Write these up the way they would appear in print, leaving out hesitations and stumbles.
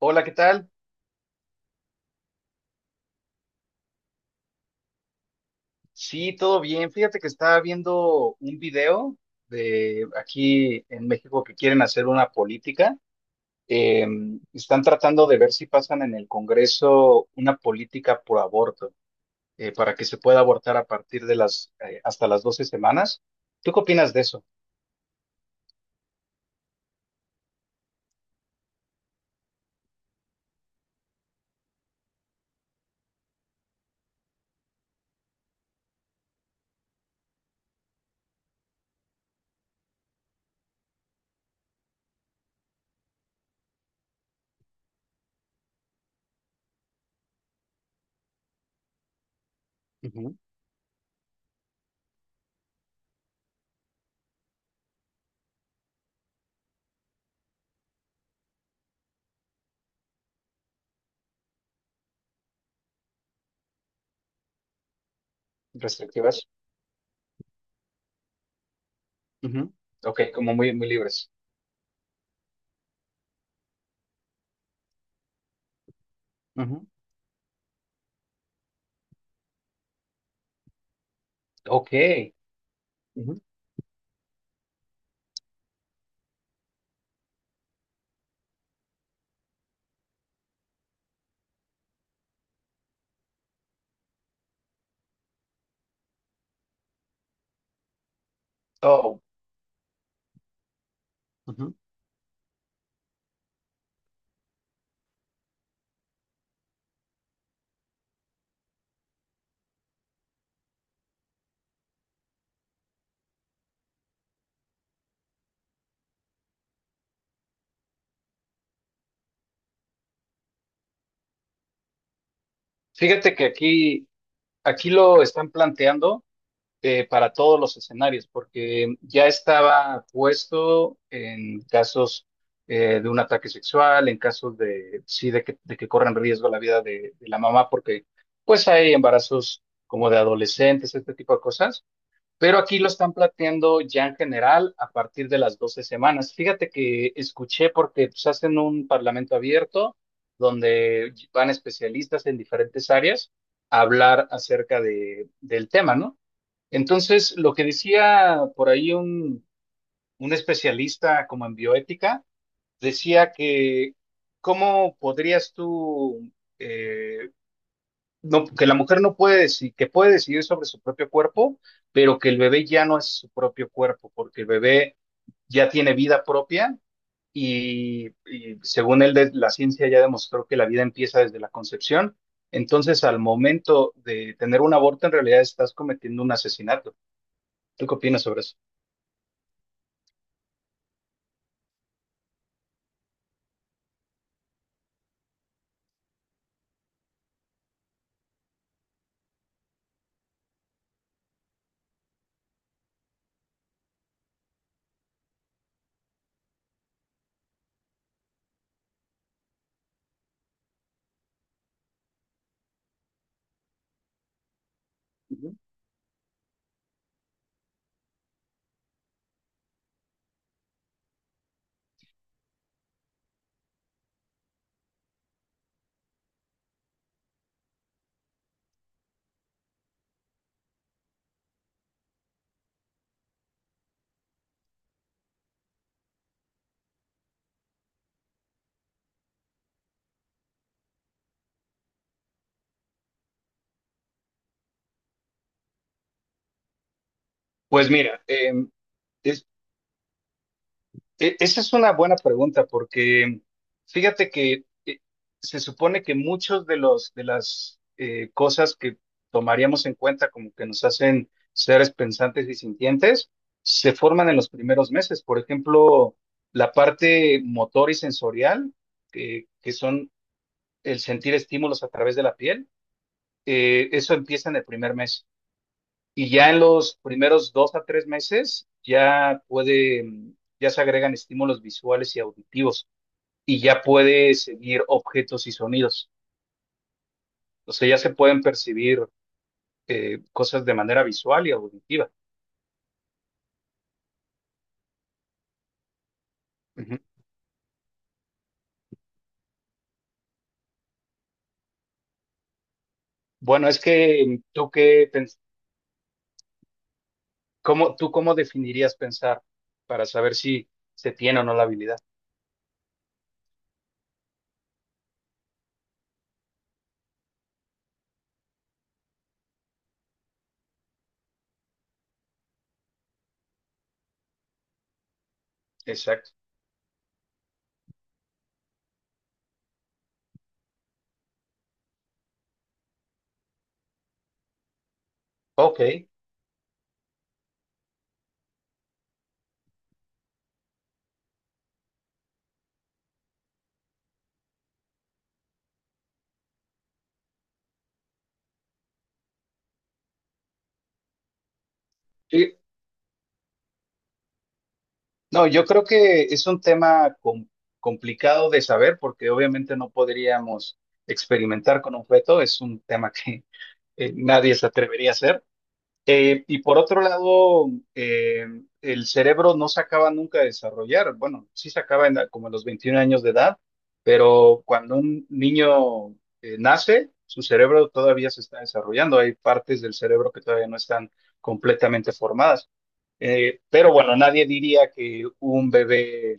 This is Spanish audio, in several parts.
Hola, ¿qué tal? Sí, todo bien. Fíjate que estaba viendo un video de aquí en México que quieren hacer una política. Eh, están tratando de ver si pasan en el Congreso una política por aborto, para que se pueda abortar a partir hasta las 12 semanas. ¿Tú qué opinas de eso? Ujú. ¿Restrictivas? Ujú. Ok, como muy, muy libres. Ujú. Ok. Ujú. Oh. Ujú. Fíjate que aquí lo están planteando para todos los escenarios, porque ya estaba puesto en casos de un ataque sexual, en casos de, sí, de que corran riesgo la vida de la mamá, porque pues hay embarazos como de adolescentes, este tipo de cosas, pero aquí lo están planteando ya en general a partir de las 12 semanas. Fíjate que escuché porque pues, hacen un parlamento abierto donde van especialistas en diferentes áreas a hablar acerca del tema, ¿no? Entonces, lo que decía por ahí un especialista como en bioética, decía que cómo podrías tú, eh, no, que la mujer no puede decir, que puede decidir sobre su propio cuerpo, pero que el bebé ya no es su propio cuerpo, porque el bebé ya tiene vida propia y según él, la ciencia ya demostró que la vida empieza desde la concepción. Entonces, al momento de tener un aborto, en realidad estás cometiendo un asesinato. ¿Tú qué opinas sobre eso? Pues mira, es- esa es una buena pregunta porque fíjate que se supone que muchos de las cosas que tomaríamos en cuenta como que nos hacen seres pensantes y sintientes se forman en los primeros meses. Por ejemplo, la parte motor y sensorial, que son el sentir estímulos a través de la piel, eso empieza en el primer mes. Y ya en los primeros 2 a 3 meses ya se agregan estímulos visuales y auditivos y ya puede seguir objetos y sonidos. O sea, ya se pueden percibir cosas de manera visual y auditiva. Ujú. Bueno, es que tú cómo definirías pensar para saber si se tiene o no la habilidad. Exacto. Ok. Y, No, yo creo que es un tema complicado de saber porque obviamente no podríamos experimentar con un objeto, es un tema que nadie se atrevería a hacer, y por otro lado, el cerebro no se acaba nunca de desarrollar. Bueno, sí se acaba en como a los 21 años de edad, pero cuando un niño nace, su cerebro todavía se está desarrollando. Hay partes del cerebro que todavía no están completamente formadas. Pero bueno, nadie diría que un bebé,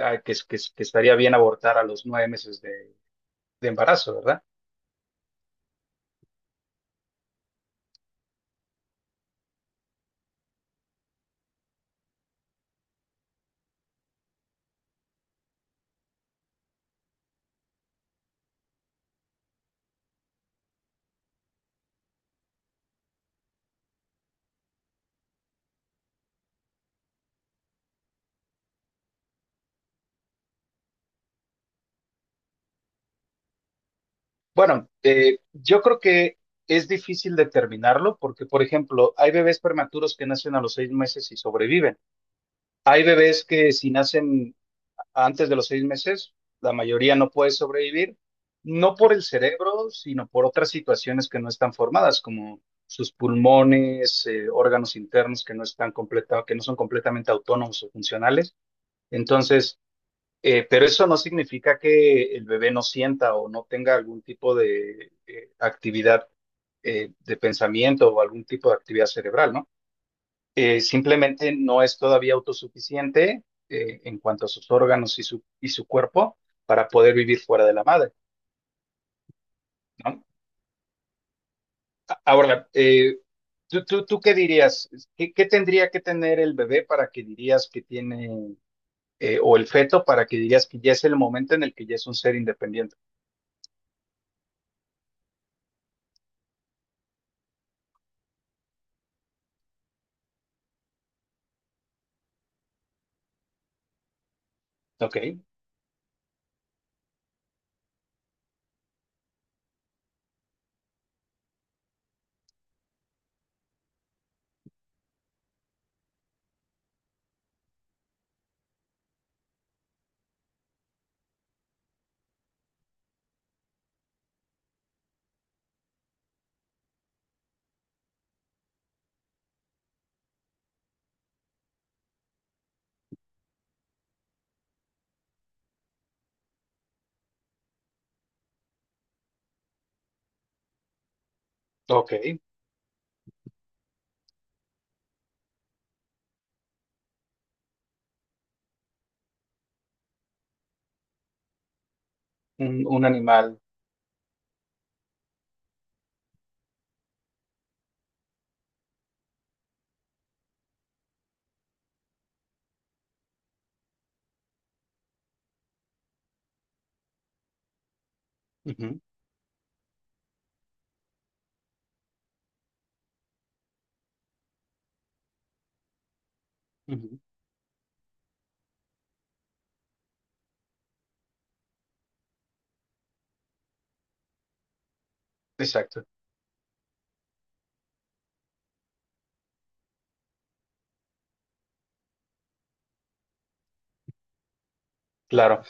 ah, que, es- que- es- que estaría bien abortar a los 9 meses de embarazo, ¿verdad? Bueno, yo creo que es difícil determinarlo porque, por ejemplo, hay bebés prematuros que nacen a los 6 meses y sobreviven. Hay bebés que si nacen antes de los 6 meses, la mayoría no puede sobrevivir, no por el cerebro, sino por otras situaciones que no están formadas, como sus pulmones, órganos internos que no son completamente autónomos o funcionales. Entonces, pero eso no significa que el bebé no sienta o no tenga algún tipo de actividad de pensamiento o algún tipo de actividad cerebral, ¿no? Simplemente no es todavía autosuficiente en cuanto a sus órganos y su cuerpo para poder vivir fuera de la madre, ¿no? Ahora, ¿tú qué dirías? ¿Qué, qué tendría que tener el bebé para que dirías que tiene, o el feto para que dirías que ya es el momento en el que ya es un ser independiente? Ok, ok. Un animal. Ujú, ujú. Exacto, claro.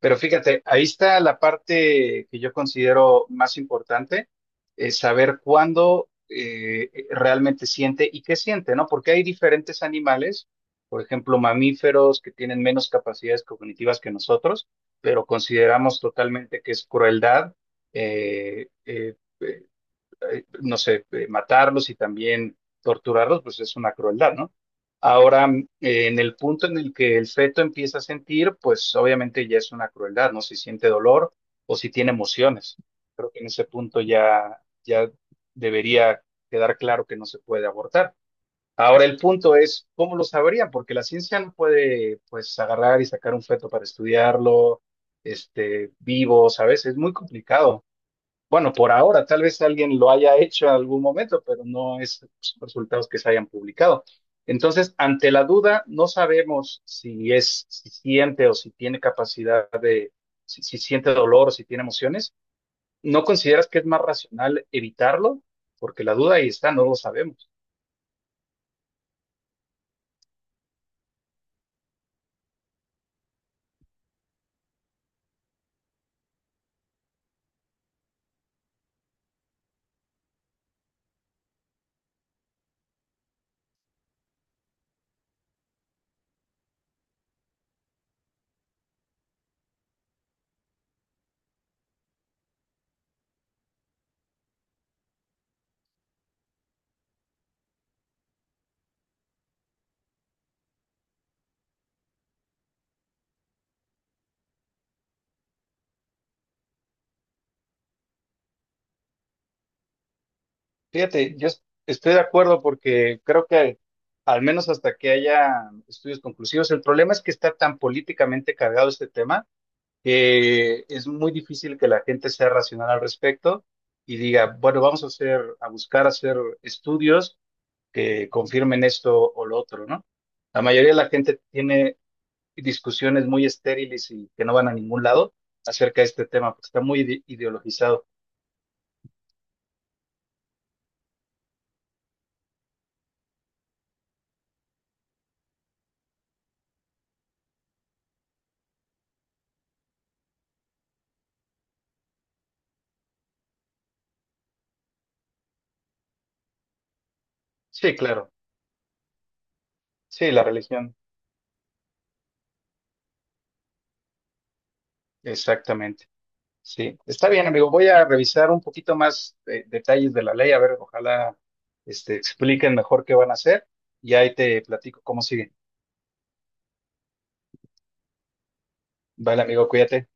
Pero fíjate, ahí está la parte que yo considero más importante, es saber cuándo realmente siente y qué siente, ¿no? Porque hay diferentes animales, por ejemplo, mamíferos que tienen menos capacidades cognitivas que nosotros, pero consideramos totalmente que es crueldad. eh, eh, eh, no sé, matarlos y también torturarlos, pues es una crueldad, ¿no? Ahora, en el punto en el que el feto empieza a sentir, pues obviamente ya es una crueldad, ¿no? Si siente dolor o si tiene emociones. Creo que en ese punto ya, ya debería quedar claro que no se puede abortar. Ahora el punto es, ¿cómo lo sabrían? Porque la ciencia no puede, pues, agarrar y sacar un feto para estudiarlo, este, vivo, ¿sabes? Es muy complicado. Bueno, por ahora, tal vez alguien lo haya hecho en algún momento, pero no es resultados que se hayan publicado. Entonces, ante la duda, no sabemos si es, si siente o si tiene capacidad de, si siente dolor o si tiene emociones. ¿No consideras que es más racional evitarlo? Porque la duda ahí está, no lo sabemos. Fíjate, yo estoy de acuerdo porque creo que al menos hasta que haya estudios conclusivos, el problema es que está tan políticamente cargado este tema, es muy difícil que la gente sea racional al respecto y diga, bueno, vamos a hacer, a buscar hacer estudios que confirmen esto o lo otro, ¿no? La mayoría de la gente tiene discusiones muy estériles y que no van a ningún lado acerca de este tema, porque está muy ideologizado. Sí, claro, sí, la religión, exactamente. Sí, está bien, amigo. Voy a revisar un poquito más, detalles de la ley, a ver, ojalá este, expliquen mejor qué van a hacer y ahí te platico cómo sigue. Vale, amigo, cuídate.